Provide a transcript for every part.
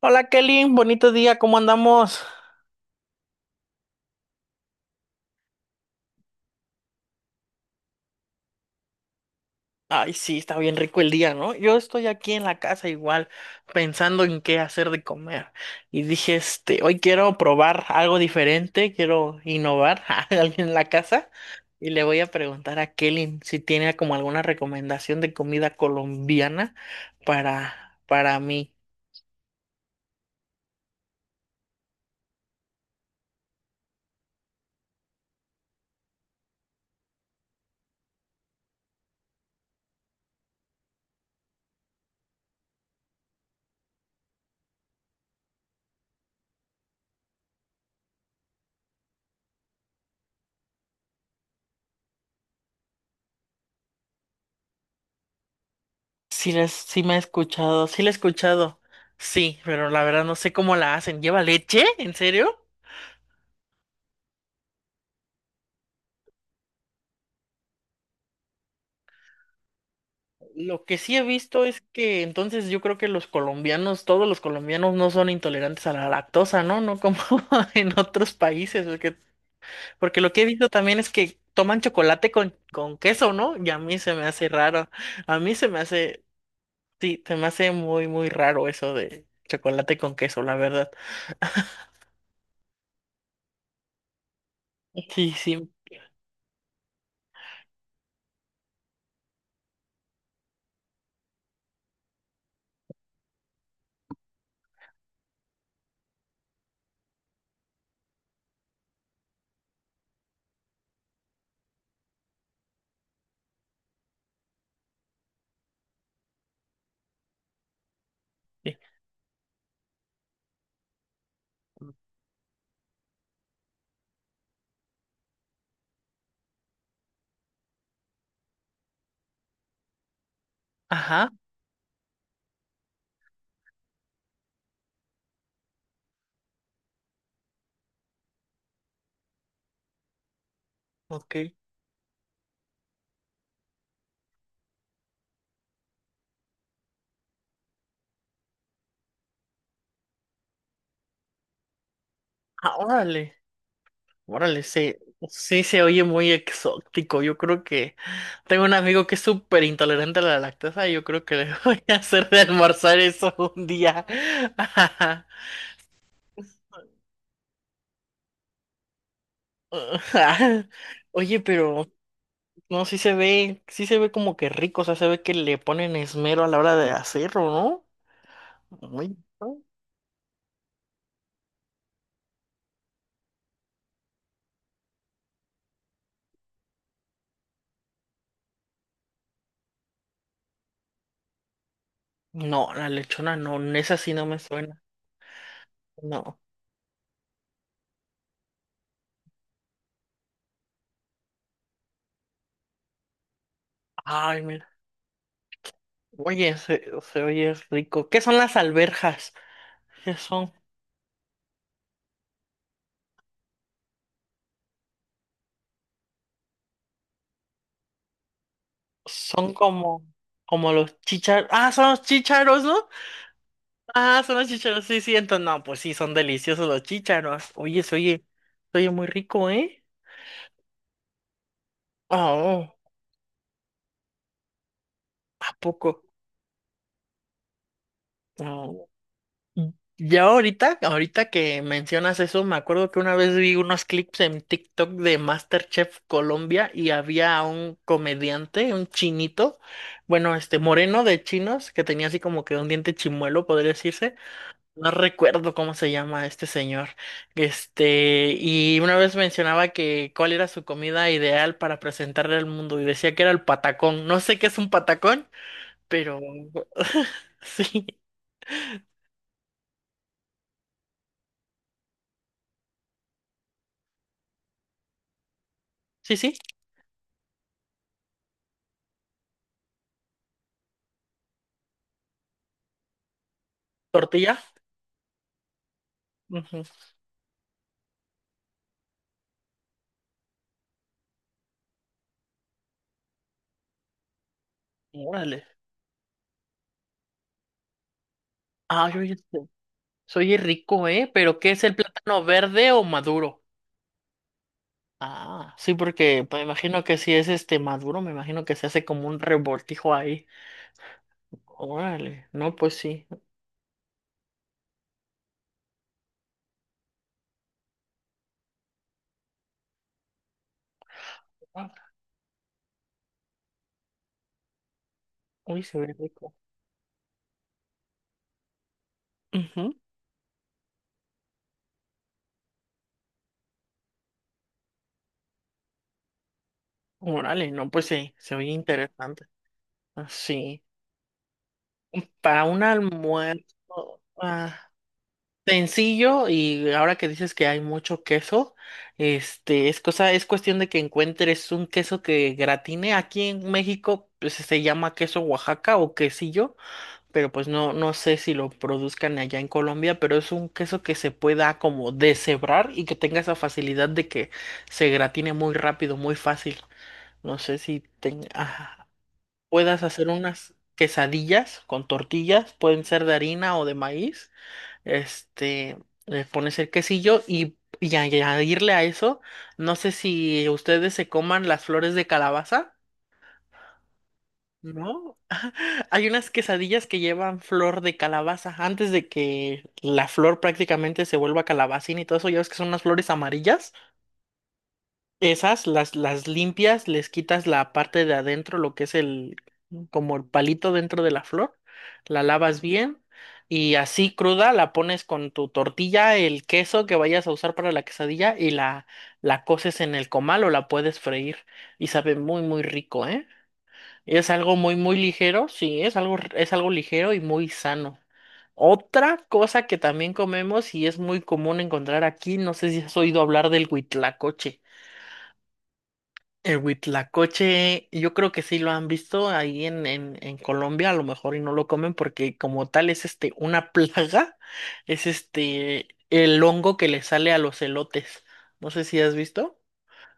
Hola Kelly, bonito día, ¿cómo andamos? Ay, sí, está bien rico el día, ¿no? Yo estoy aquí en la casa igual pensando en qué hacer de comer. Y dije, hoy quiero probar algo diferente, quiero innovar a alguien en la casa y le voy a preguntar a Kelly si tiene como alguna recomendación de comida colombiana para mí. Sí, sí la he escuchado. Sí, pero la verdad no sé cómo la hacen. ¿Lleva leche? ¿En serio? Lo que sí he visto es que entonces yo creo que los colombianos, todos los colombianos no son intolerantes a la lactosa, ¿no? No como en otros países, porque lo que he visto también es que toman chocolate con queso, ¿no? Y a mí se me hace raro, a mí se me hace, sí, se me hace muy, muy raro eso de chocolate con queso, la verdad. Sí, sí. Eh, ajá, ok. Ah, órale, órale, se, sí se oye muy exótico. Yo creo que tengo un amigo que es súper intolerante a la lactosa y yo creo que le voy a hacer de almorzar eso un día. Ajá. Oye, pero no, sí se ve como que rico, o sea, se ve que le ponen esmero a la hora de hacerlo, ¿no? Muy... No, la lechona no, esa sí no me suena, no. Ay, mira, oye, se oye rico. ¿Qué son las alberjas? ¿Qué son? Son como, como los chícharos, ah, son los chícharos, ¿no? Ah, son los chícharos, sí, sí, entonces, no, pues sí, son deliciosos los chícharos. Oye, se oye muy rico, ¿eh? Oh, ¿a poco? No. Ya ahorita que mencionas eso, me acuerdo que una vez vi unos clips en TikTok de MasterChef Colombia y había un comediante, un chinito, bueno, este moreno de chinos, que tenía así como que un diente chimuelo, podría decirse. No recuerdo cómo se llama este señor. Y una vez mencionaba que cuál era su comida ideal para presentarle al mundo y decía que era el patacón. No sé qué es un patacón, pero sí, sí, sí, tortilla. Ujú. Órale. Ah, yo soy rico, ¿eh? Pero ¿qué es el plátano, verde o maduro? Ah, sí, porque me imagino que si es maduro, me imagino que se hace como un revoltijo ahí. Órale, no, pues sí. Ah, uy, se ve rico. Ujú. Órale, no, pues sí, se oye interesante. Ah, sí, para un almuerzo. Ah, sencillo. Y ahora que dices que hay mucho queso, este es cosa es cuestión de que encuentres un queso que gratine. Aquí en México pues, se llama queso Oaxaca o quesillo, pero pues no sé si lo produzcan allá en Colombia, pero es un queso que se pueda como deshebrar y que tenga esa facilidad de que se gratine muy rápido, muy fácil. No sé si ten- ajá, puedas hacer unas quesadillas con tortillas, pueden ser de harina o de maíz, este, le pones el quesillo y añadirle a eso, no sé si ustedes se coman las flores de calabaza, ¿no? Hay unas quesadillas que llevan flor de calabaza antes de que la flor prácticamente se vuelva calabacín y todo eso, ya ves que son unas flores amarillas. Esas las limpias, les quitas la parte de adentro, lo que es el, como el palito dentro de la flor, la lavas bien y así cruda la pones con tu tortilla, el queso que vayas a usar para la quesadilla la coces en el comal o la puedes freír y sabe muy, muy rico, ¿eh? Es algo muy, muy ligero, sí, es algo ligero y muy sano. Otra cosa que también comemos y es muy común encontrar aquí, no sé si has oído hablar del huitlacoche. El huitlacoche, yo creo que sí lo han visto ahí en Colombia, a lo mejor y no lo comen porque como tal es una plaga, es el hongo que le sale a los elotes. No sé si has visto.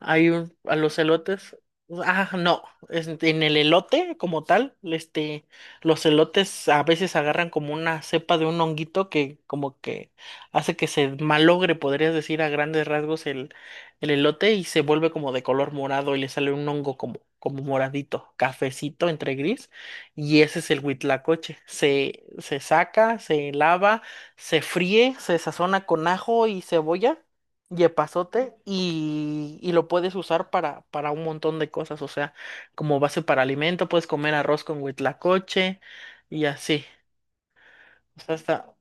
A los elotes. Ah, no. En el elote, como tal, los elotes a veces agarran como una cepa de un honguito que como que hace que se malogre, podrías decir, a grandes rasgos el elote, y se vuelve como de color morado y le sale un hongo como, como moradito, cafecito entre gris. Y ese es el huitlacoche. Se saca, se lava, se fríe, se sazona con ajo y cebolla, yepazote, y lo puedes usar para un montón de cosas, o sea, como base para alimento, puedes comer arroz con huitlacoche y así. O sea, está...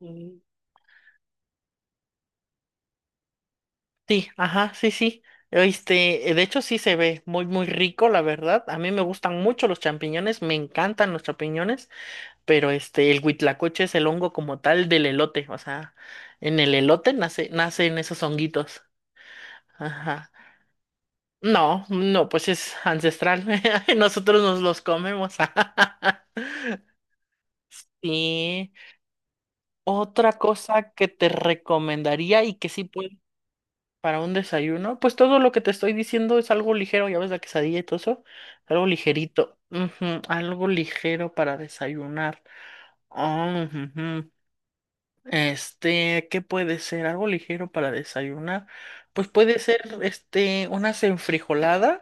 mm, sí, ajá, sí, sí. De hecho sí se ve muy, muy rico, la verdad. A mí me gustan mucho los champiñones, me encantan los champiñones, pero el huitlacoche es el hongo como tal del elote, o sea, en el elote nace, nacen esos honguitos. Ajá. No, no, pues es ancestral. Nosotros nos los comemos. Sí. Otra cosa que te recomendaría y que sí puedes para un desayuno, pues todo lo que te estoy diciendo es algo ligero, ya ves la quesadilla y todo eso, algo ligerito. Ujú, algo ligero para desayunar. Ah, ujujú. ¿Qué puede ser? Algo ligero para desayunar. Pues puede ser, unas enfrijoladas.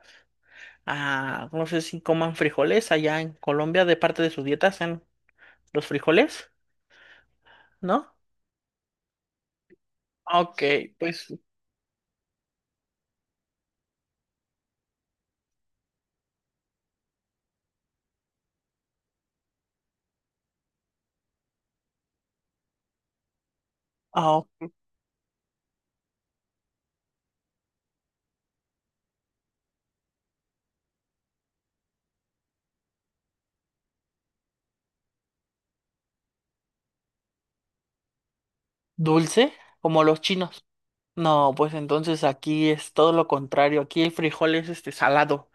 Ah, no sé si coman frijoles allá en Colombia, de parte de su dieta, hacen los frijoles, ¿no? Ok, pues ah, dulce, como los chinos. No, pues entonces aquí es todo lo contrario. Aquí el frijol es salado.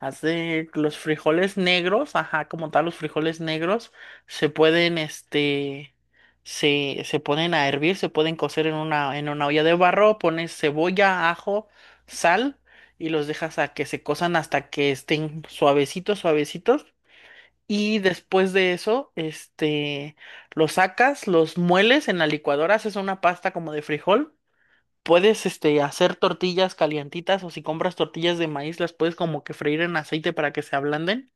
Hace los frijoles negros, ajá, como tal, los frijoles negros se pueden, se ponen a hervir, se pueden cocer en una olla de barro, pones cebolla, ajo, sal y los dejas a que se cosan hasta que estén suavecitos, suavecitos. Y después de eso, los sacas, los mueles en la licuadora, haces una pasta como de frijol. Puedes hacer tortillas calientitas, o si compras tortillas de maíz, las puedes como que freír en aceite para que se ablanden,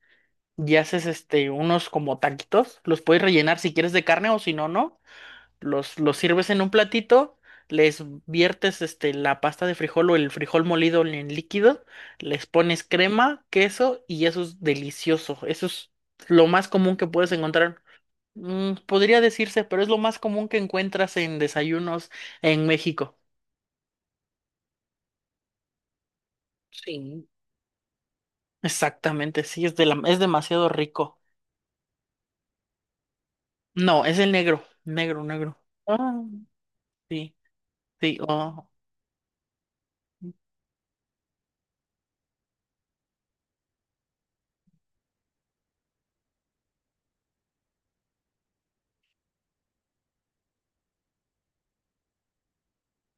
y haces unos como taquitos. Los puedes rellenar si quieres de carne o si no, no. Los sirves en un platito, les viertes la pasta de frijol o el frijol molido en líquido, les pones crema, queso y eso es delicioso. Eso es lo más común que puedes encontrar. Mm, podría decirse, pero es lo más común que encuentras en desayunos en México. Sí. Exactamente, sí, es de la, es demasiado rico. No, es el negro, negro, negro. Ah, sí, sí, oh.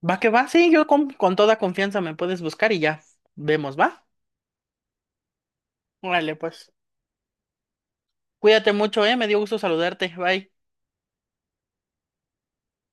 Va que va, sí, yo con toda confianza me puedes buscar y ya vemos, ¿va? Vale, pues. Cuídate mucho, me dio gusto saludarte. Bye.